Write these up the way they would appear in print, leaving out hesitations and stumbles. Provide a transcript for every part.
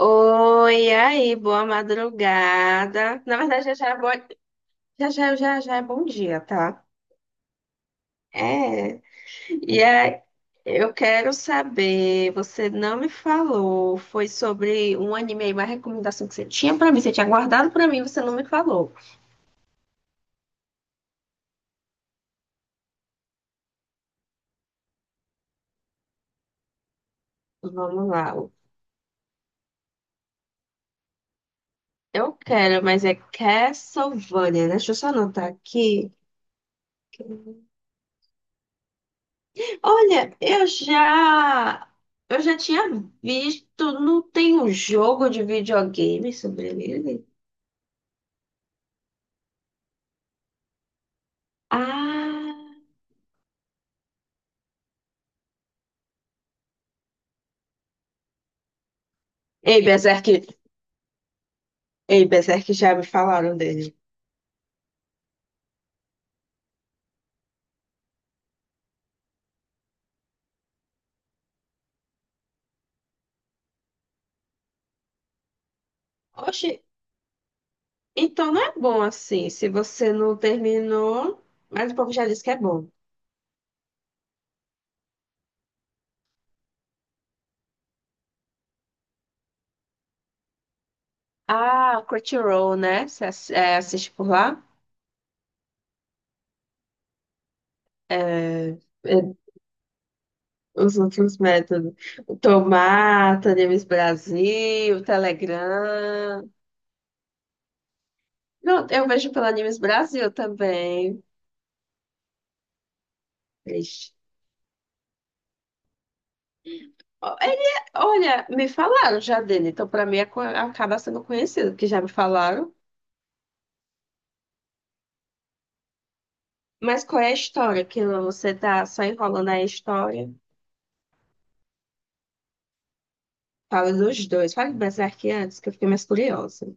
Oi, e aí, boa madrugada. Na verdade, já já é, boa- já, já, já, já é bom dia, tá? É. E aí, eu quero saber, você não me falou, foi sobre um anime aí, uma recomendação que você tinha pra mim, você tinha guardado pra mim, você não me falou. Vamos lá. Eu quero, mas é Castlevania, né? Deixa eu só anotar aqui. Olha, eu já tinha visto, não tem um jogo de videogame sobre ele? Ah, ei, Berserk, ei, Berserk já me falaram dele. Oxe, então não é bom assim, se você não terminou, mas o povo já disse que é bom. Ah, Crunchyroll, né? Você é, assiste por lá? É, é, os últimos métodos. O Tomata, Animes Brasil, Telegram. Não, eu vejo pela Animes Brasil também. Ixi. Ó, Ele, olha, me falaram já dele, então pra mim é acaba sendo conhecido, porque já me falaram. Mas qual é a história? Que você tá só enrolando aí a história? Fala dos dois. Fala do Berserk antes, que eu fiquei mais curiosa.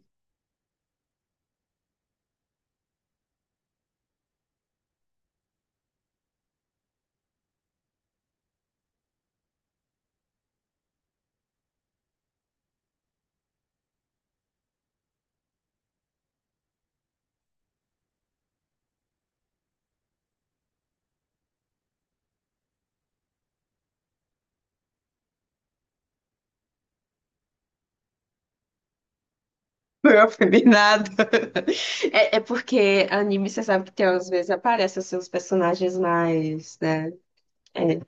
Não aprendi nada. É, é porque anime, você sabe que tem, às vezes aparecem assim, os personagens mais, né? É.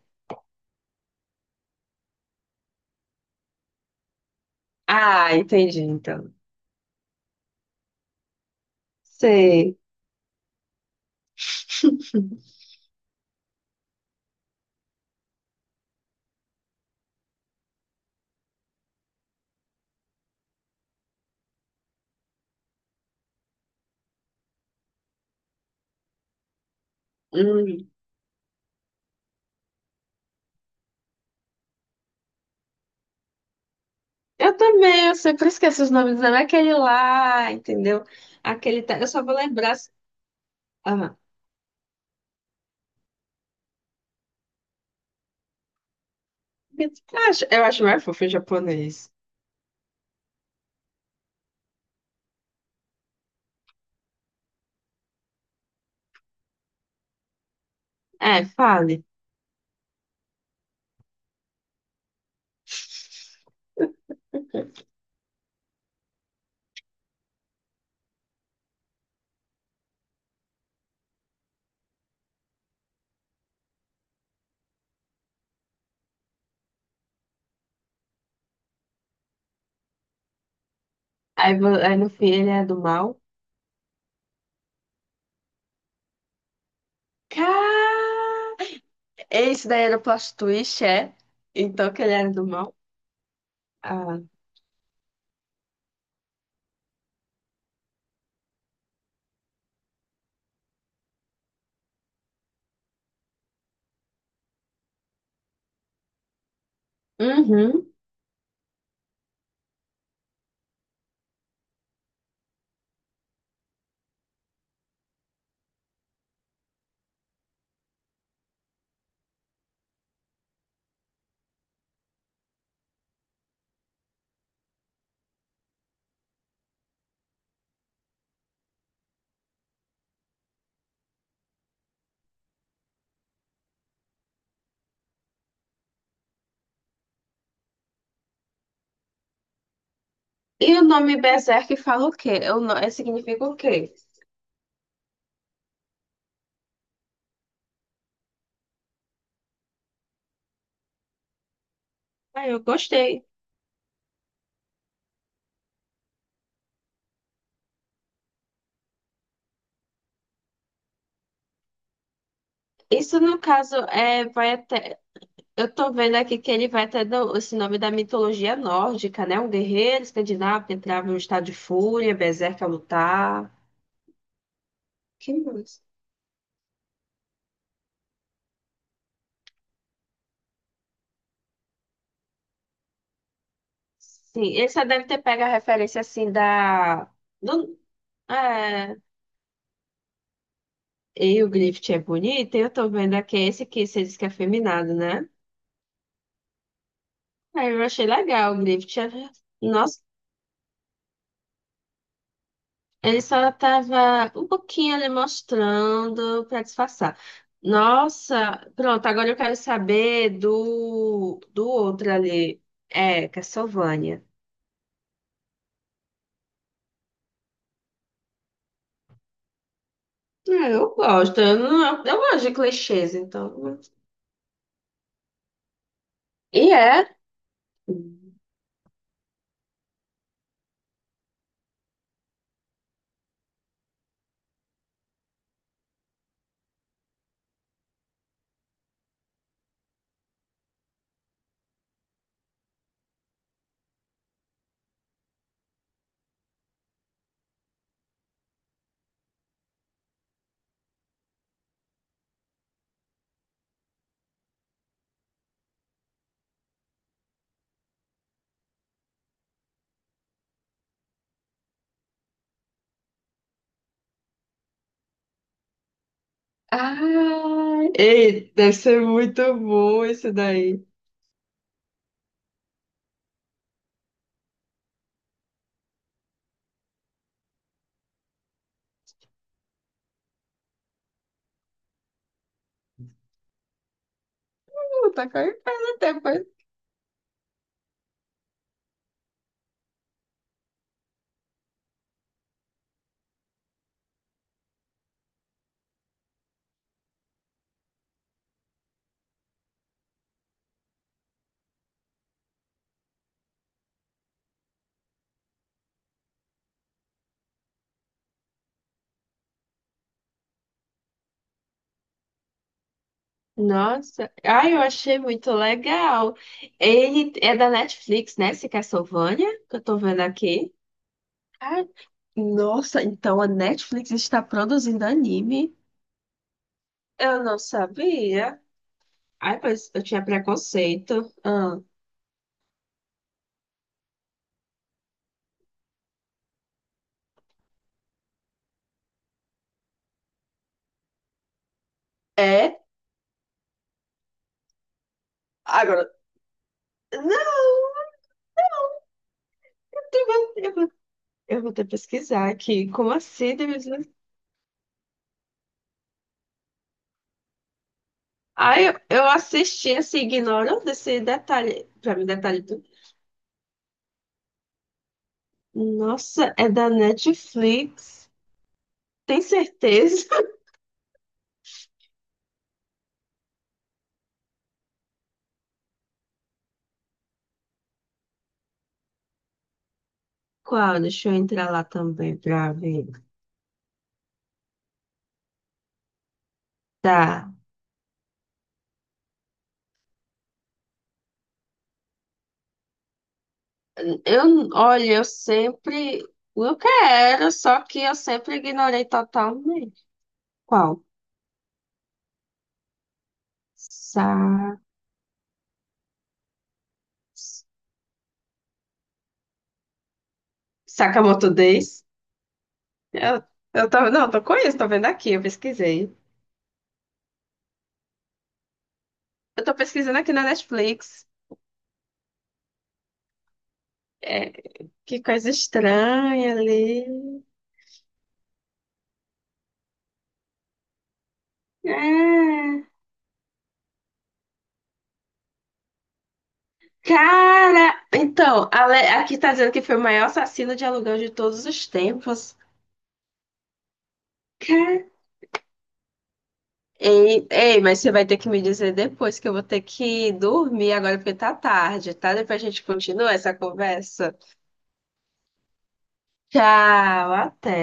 Ah, entendi, então. Sei. Eu também, eu sempre esqueço os nomes, não é aquele lá, entendeu? Aquele. Eu só vou lembrar. Se- Ah, eu acho mais fofo em japonês. É, fale. Aí, aí no fim ele é do mal. Cara! Esse daí era o plot twist, é? Então que ele era do mal. Ah. Uhum. E o nome Berserk fala o quê? Eu, significa o quê? Ah, eu gostei. Isso, no caso, é, vai até. Eu tô vendo aqui que ele vai ter esse nome da mitologia nórdica, né? Um guerreiro escandinavo que entrava em um estado de fúria, berserk a lutar. Que mais? Sim, ele só deve ter pego a referência assim da. Do... É... E o Griffith é bonito, e eu tô vendo aqui esse que você disse que é afeminado, né? Aí eu achei legal o Griffith. É- Nossa, ele só estava um pouquinho ali mostrando para disfarçar. Nossa, pronto, agora eu quero saber do outro ali. É, Castlevania. É, não, eu gosto de clichês, então. E é. Ah, ei, deve ser muito bom esse daí. Tá com a cara. Nossa, ai, eu achei muito legal. Ele é da Netflix, né? Esse Castlevania, que eu tô vendo aqui. Ah, nossa, então a Netflix está produzindo anime? Eu não sabia. Ai, mas eu tinha preconceito. Ah, é? Agora, não, eu vou, eu vou eu vou ter que pesquisar aqui. Como assim? Tem pesquisa? Ai, eu assisti assim, ignorando esse detalhe. Pra mim, detalhe tudo. Nossa, é da Netflix. Tem certeza? Qual? Deixa eu entrar lá também pra ver. Tá. Eu, olha, eu sempre. Eu quero, só que eu sempre ignorei totalmente. Qual? Sa... Sakamoto Days? Eu, eu tô, não, tô com isso, tô vendo aqui, eu pesquisei. Eu tô pesquisando aqui na Netflix. É, que coisa estranha ali. É. Cara! Então, aqui tá dizendo que foi o maior assassino de aluguel de todos os tempos. Ei, ei, mas você vai ter que me dizer depois que eu vou ter que dormir agora porque tá tarde, tá? Depois a gente continua essa conversa. Tchau, até.